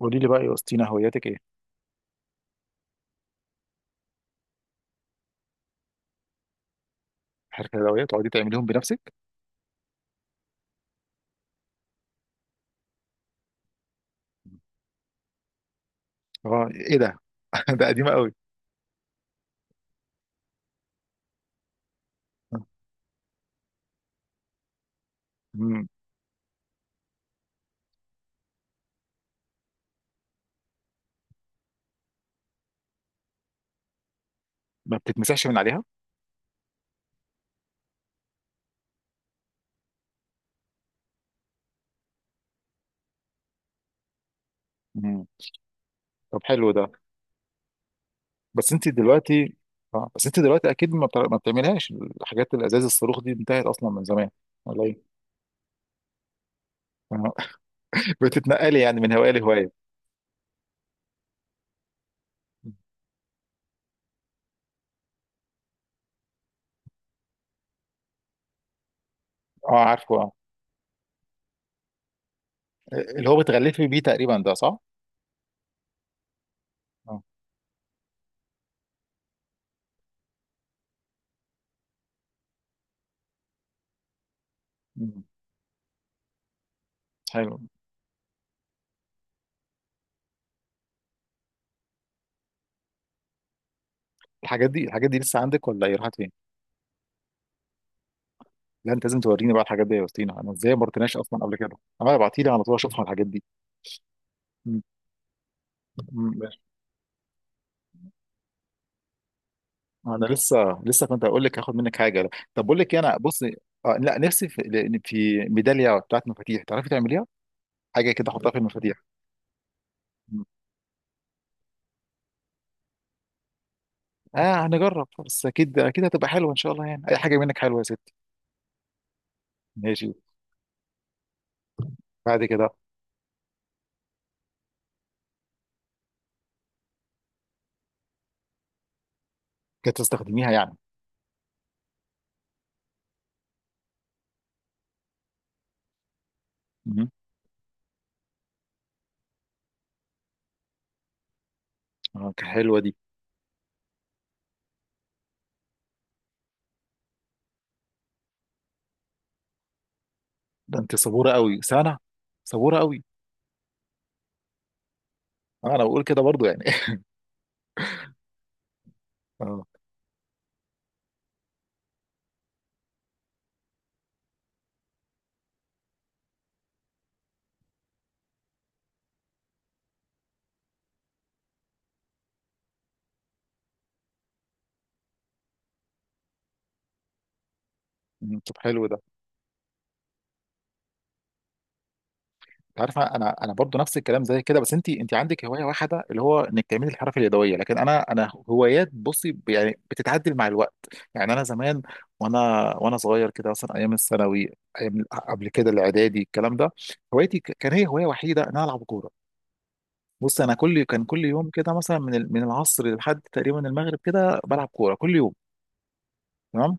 قولي لي بقى يا وسطينا، هواياتك ايه؟ الحلويات تقعدي تعمليهم بنفسك؟ اه، ايه ده؟ ده قديمه قوي. مم. ما بتتمسحش من عليها؟ مم. طب، حلو ده. بس انت دلوقتي، اه، بس انت دلوقتي اكيد ما بتعملهاش. الحاجات الازاز الصاروخ دي انتهت اصلا من زمان، ولا ايه؟ آه. بتتنقلي يعني من هوايه لهوايه. اه، عارفه، اه. اللي هو بتغلفي بيه تقريبا ده، صح؟ اه. مم. حلو. الحاجات دي لسه عندك ولا ايه؟ راحت فين؟ لا، انت لازم توريني بقى الحاجات دي يا وسطينا. انا ازاي ما رحتناش اصلا قبل كده؟ انا ابعتي لي على طول اشوفها الحاجات دي. م- ماشي. انا لسه كنت اقول لك هاخد منك حاجه. طب، بقول لك إيه، انا بص. آه لا، نفسي في، لأن في ميداليه بتاعت مفاتيح تعرفي تعمليها، حاجه كده احطها في المفاتيح. م. اه، هنجرب، بس اكيد اكيد هتبقى حلوه ان شاء الله. يعني اي حاجه منك حلوه يا ستي. ماشي. بعد كده كانت تستخدميها يعني. م. اه، كانت حلوه دي. ده انت صبوره قوي، سنه! صبوره قوي. آه، انا بقول كده برضو يعني. اه. م. طب، حلو ده. عارف، انا برضو نفس الكلام زي كده. بس انت، انت عندك هوايه واحده اللي هو انك تعملي الحرف اليدويه. لكن انا، هوايات، بصي، يعني بتتعدل مع الوقت. يعني انا زمان، وانا وانا صغير كده، مثلا ايام الثانوي، ايام قبل كده الاعدادي، الكلام ده، هوايتي كان هي هوايه وحيده ان انا العب كوره. بص، انا كل يوم كده مثلا من العصر لحد تقريبا المغرب كده بلعب كوره كل يوم. تمام،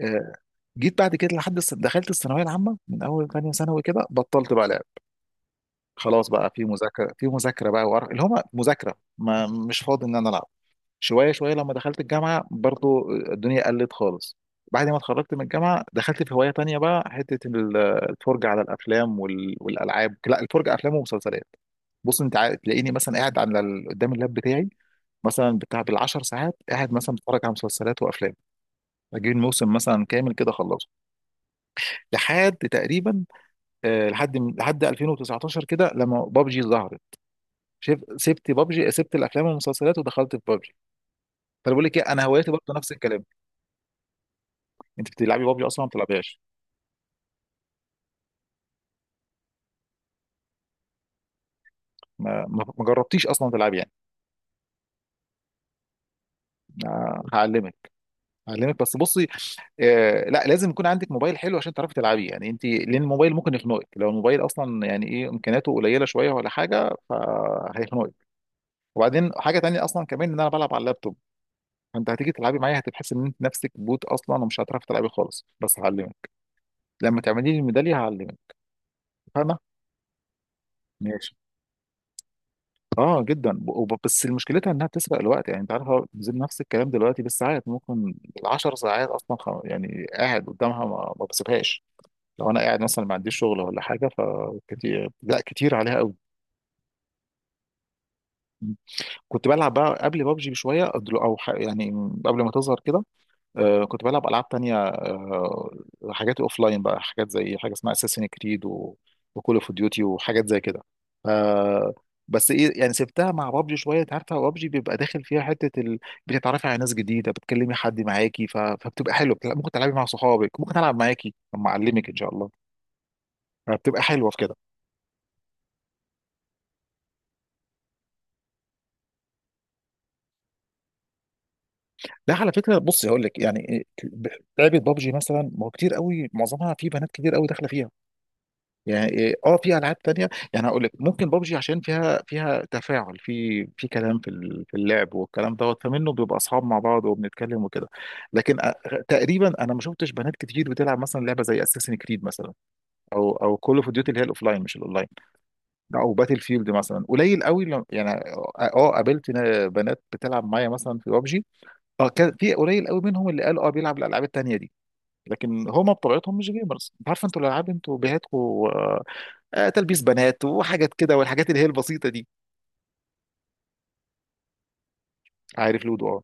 آه، جيت بعد كده لحد دخلت الثانويه العامه. من اول ثانيه ثانوي كده بطلت بقى لعب. خلاص، بقى في مذاكره، بقى وقرف اللي هو مذاكره، ما مش فاضي ان انا العب. شويه شويه، لما دخلت الجامعه برضو الدنيا قلت خالص. بعد ما اتخرجت من الجامعه دخلت في هوايه تانية بقى، حته الفرجه على الافلام والالعاب، لا، الفرجه افلام ومسلسلات. بص، تلاقيني مثلا قاعد قدام اللاب بتاعي مثلا، بتاع بالعشر ساعات قاعد مثلا بتفرج على مسلسلات وافلام. اجيب الموسم مثلا كامل كده اخلصه لحد تقريبا، آه، لحد 2019 كده، لما بابجي ظهرت. سبت بابجي، سبت الافلام والمسلسلات ودخلت في بابجي. فانا بقول لك ايه، انا هوايتي برضه نفس الكلام. انت بتلعبي بابجي اصلا ما بتلعبيهاش؟ ما جربتيش اصلا تلعبي يعني؟ هعلمك. هعلمك، بس بصي، آه لا، لازم يكون عندك موبايل حلو عشان تعرفي تلعبيه يعني انت. لان الموبايل ممكن يخنقك لو الموبايل اصلا يعني ايه، امكانياته قليله شويه ولا حاجه، فهيخنقك. وبعدين حاجه تانية اصلا كمان، ان انا بلعب على اللابتوب. فانت هتيجي تلعبي معايا هتحس ان انت نفسك بوت اصلا، ومش هتعرفي تلعبي خالص، بس هعلمك. لما تعملي لي الميداليه هعلمك. فاهمه؟ ماشي. اه جدا. بس مشكلتها انها بتسرق الوقت. يعني انت عارفه، زي نفس الكلام دلوقتي، بالساعات ممكن العشر ساعات اصلا، يعني قاعد قدامها، ما بسيبهاش. لو انا قاعد مثلا ما عنديش شغل ولا حاجه، فكتير، لا كتير عليها قوي. كنت بلعب بقى قبل بابجي بشويه، يعني قبل ما تظهر كده، آه، كنت بلعب العاب تانية، آه، حاجات لاين بقى، حاجات زي حاجه اسمها اساسين كريد وكول اوف ديوتي وحاجات زي كده، آه. بس ايه يعني، سبتها مع بابجي شويه. انت عارفه بابجي بيبقى داخل فيها حته بتتعرفي على ناس جديده، بتكلمي حد معاكي، فبتبقى حلوه. ممكن تلعبي مع صحابك، ممكن العب معاكي لما اعلمك ان شاء الله. فبتبقى حلوه في كده. لا، على فكره، بصي، هقول لك، يعني إيه، لعبه بابجي مثلا، ما هو كتير قوي، معظمها في بنات كتير قوي داخله فيها. يعني إيه، اه، في العاب تانية يعني، هقول لك، ممكن بابجي عشان فيها، تفاعل، في كلام، في في اللعب والكلام دوت، فمنه بيبقى اصحاب مع بعض وبنتكلم وكده. لكن تقريبا انا ما شفتش بنات كتير بتلعب مثلا لعبه زي اساسن كريد مثلا، او كول اوف ديوتي، اللي هي الاوفلاين مش الاونلاين. لا، او باتل فيلد مثلا، قليل قوي يعني. اه، قابلت بنات بتلعب معايا مثلا في بابجي. اه كان في قليل قوي منهم اللي قال اه بيلعب الالعاب التانية دي، لكن هما بطبيعتهم مش جيمرز. انت عارف انتوا الالعاب انتوا بيهاتكم، آه، تلبيس بنات وحاجات كده، والحاجات اللي هي البسيطه دي. عارف لودو؟ اه.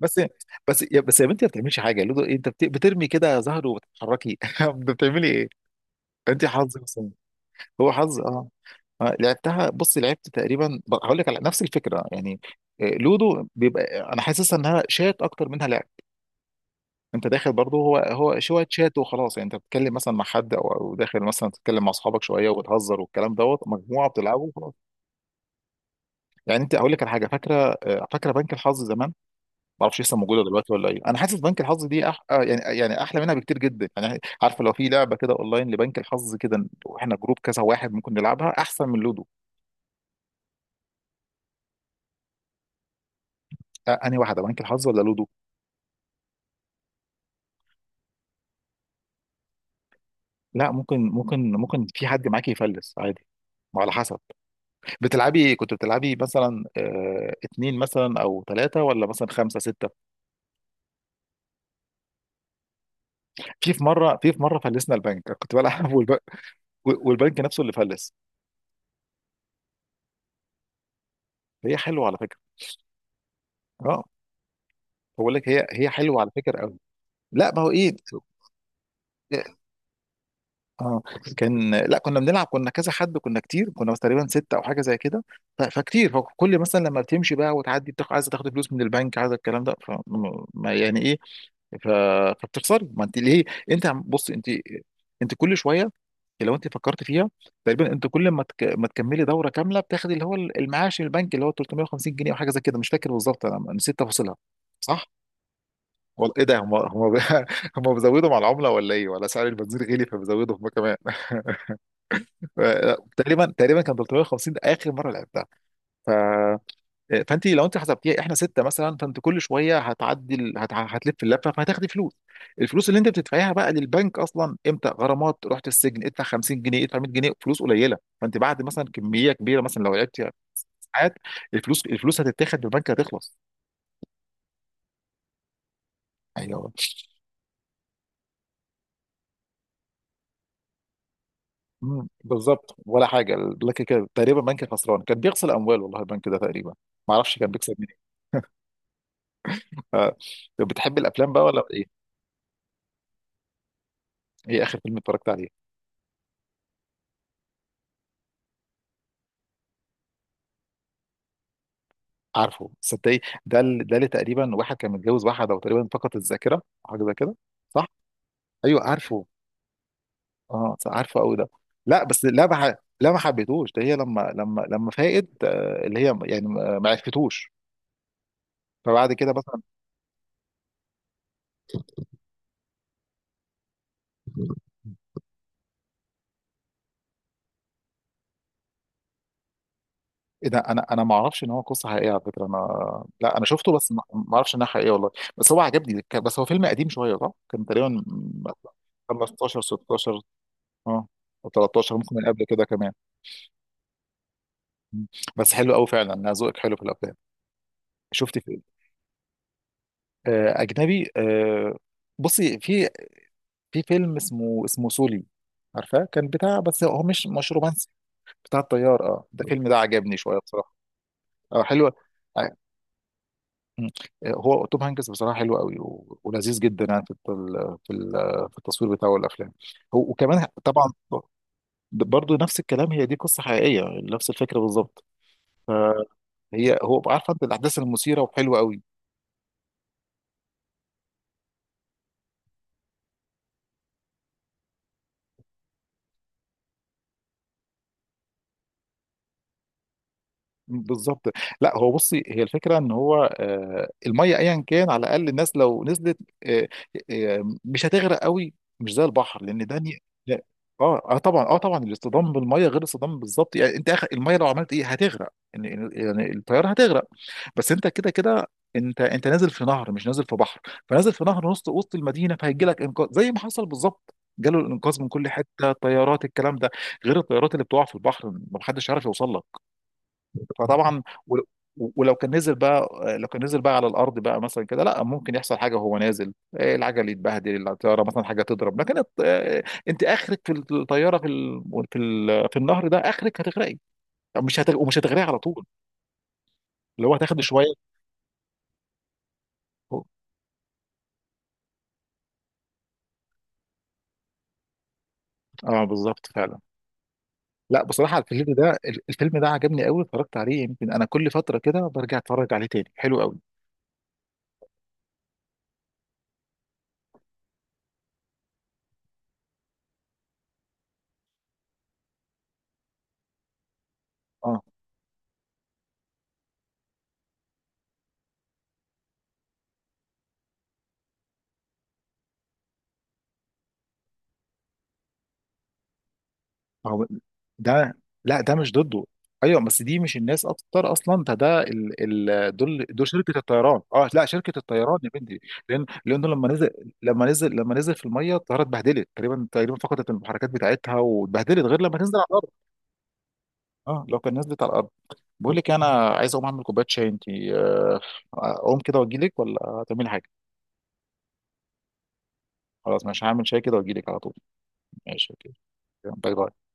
بس، يا بنتي، ما بتعملش حاجه. لودو إيه، انت بترمي كده زهر وبتتحركي. انت بتعملي ايه؟ انت حظ مثلا، هو حظ، اه. آه، لعبتها، بص، لعبت تقريبا، هقول لك على نفس الفكره يعني. آه، لودو بيبقى، انا حاسسها انها شات اكتر منها لعب. انت داخل برضه، هو شويه شات وخلاص يعني. انت بتتكلم مثلا مع حد، او داخل مثلا تتكلم مع اصحابك شويه وبتهزر والكلام دوت، مجموعه بتلعبوا وخلاص. يعني، انت، هقول لك على حاجه فاكره، آه، فاكره بنك الحظ زمان؟ ما اعرفش لسه موجوده دلوقتي ولا ايه. انا حاسس بنك الحظ دي، أح... آه يعني، احلى منها بكتير جدا يعني. عارفه لو في لعبه كده اونلاين لبنك الحظ كده، واحنا جروب كذا واحد، ممكن نلعبها احسن من لودو. آه، انهي واحده، بنك الحظ ولا لودو؟ لا، ممكن ممكن في حد معاكي يفلس عادي. ما على حسب، بتلعبي، كنت بتلعبي مثلا آه اتنين مثلا، او ثلاثه، ولا مثلا خمسه سته. في مره فلسنا البنك، كنت بلعب. والبنك نفسه اللي فلس. هي حلوه على فكره. اه، بقول لك، هي حلوه على فكره قوي. لا، ما هو ايه، اه، كان لا، كنا بنلعب، كنا كذا حد، كنا كتير، كنا بس تقريبا ستة او حاجه زي كده. فكتير، فكل مثلا لما بتمشي بقى وتعدي بتاخد، عايزه تاخد فلوس من البنك، عايزه الكلام ده، ف يعني ايه، ف... فبتخسري. ما انت ليه، بص انت، انت كل شويه، لو انت فكرت فيها، تقريبا انت كل ما تك... ما تكملي دوره كامله بتاخد اللي هو المعاش من البنك اللي هو 350 جنيه او حاجه زي كده، مش فاكر بالظبط، انا نسيت تفاصيلها. صح؟ والله، ايه ده، هم هم بيزودوا مع العمله ولا ايه؟ ولا سعر البنزين غلي فبيزودوا هم كمان؟ آه، تقريبا كان 350 ده اخر مره لعبتها. ف... فانت لو انت حسبتيها، احنا سته مثلا، فانت كل شويه هتعدي، هتلف اللفه فهتاخدي فلوس. الفلوس اللي انت بتدفعيها بقى للبنك اصلا، امتى؟ غرامات، رحت السجن، ادفع 50 جنيه، ادفع 100 جنيه، فلوس قليله. فانت بعد مثلا كميه كبيره، مثلا لو لعبتي ساعات، الفلوس هتتاخد من البنك، هتخلص. ايوه، مم، بالظبط، ولا حاجه. لكن كده تقريبا بنك خسران، كان بيغسل اموال والله البنك ده تقريبا. ما اعرفش كان بيكسب منين. ف... طب، بتحب الافلام بقى ولا ايه؟ ايه اخر فيلم اتفرجت عليه؟ عارفه؟ صدقني ده ده اللي تقريبا واحد كان متجوز واحده وتقريبا فقدت الذاكره حاجه زي كده، صح. ايوه عارفه، اه، صح، عارفه قوي ده. لا بس، لا ما حبيتهوش ده، هي لما فاقد، آه، اللي هي يعني ما عرفتوش. فبعد كده مثلا، ايه ده، انا، ما اعرفش ان هو قصه حقيقيه على فكره. انا، لا، انا شفته بس ما اعرفش انها حقيقيه والله. بس هو عجبني، بس هو فيلم قديم شويه صح، كان تقريبا 15 16، اه، او 13 ممكن، من قبل كده كمان. مم. بس حلو قوي فعلا، انا ذوقك حلو في الافلام. شفت في، آه، اجنبي، آه، بصي في، فيلم اسمه، سولي، عارفاه؟ كان بتاع، بس هو مش رومانسي، بتاع الطيار، اه. ده الفيلم ده عجبني شويه بصراحه، اه، حلو، آه، مم، آه، هو توم هانكس بصراحه حلو قوي ولذيذ جدا يعني في في في التصوير بتاعه والافلام، وكمان طبعا برضو نفس الكلام. هي دي قصه حقيقيه نفس الفكره بالظبط. هي، هو، عارفه انت الاحداث المثيره، وحلوه قوي بالظبط. لا، هو بصي، هي الفكره ان هو، آه، الميه ايا كان، على الاقل الناس لو نزلت، آه، آه، مش هتغرق قوي. مش زي البحر، لان ده لا. اه طبعا الاصطدام بالميه غير الاصطدام، بالظبط يعني، انت اخر الميه لو عملت ايه، هتغرق يعني، الطياره هتغرق. بس انت كده كده، انت نازل في نهر مش نازل في بحر. فنازل في نهر وسط المدينه، فهيجي لك انقاذ زي ما حصل بالظبط. جاله الانقاذ من كل حته، طيارات، الكلام ده، غير الطيارات اللي بتقع في البحر ما حدش عارف يوصل لك. فطبعا، ولو كان نزل بقى، لو كان نزل بقى على الارض بقى مثلا كده، لا، ممكن يحصل حاجه وهو نازل، إيه، العجل يتبهدل الطياره مثلا حاجه تضرب. لكن آه، انت اخرك في الطياره، في في النهر ده، اخرك هتغرقي. مش هتغ... ومش هتغرقي على طول، اللي هو هتاخد شويه. اه بالظبط فعلا. لا بصراحه الفيلم ده عجبني قوي، اتفرجت عليه يمكن انا كل فتره كده برجع اتفرج عليه تاني، حلو قوي. اه، هو ده، لا ده مش ضده. ايوه، بس دي مش الناس اكتر اصلا، ده، دول، شركه الطيران، اه لا، شركه الطيران يا بنتي. لان لان لما نزل، لما نزل في الميه الطياره اتبهدلت، تقريبا، فقدت المحركات بتاعتها واتبهدلت غير لما تنزل على الارض. اه، لو كان نزلت على الارض. بقول لك إيه، انا عايز اقوم اعمل كوبايه شاي، انت آه، اقوم كده واجي لك ولا هتعملي حاجه؟ خلاص، مش هعمل شاي كده واجي لك على طول. ماشي، اوكي. يلا، باي باي.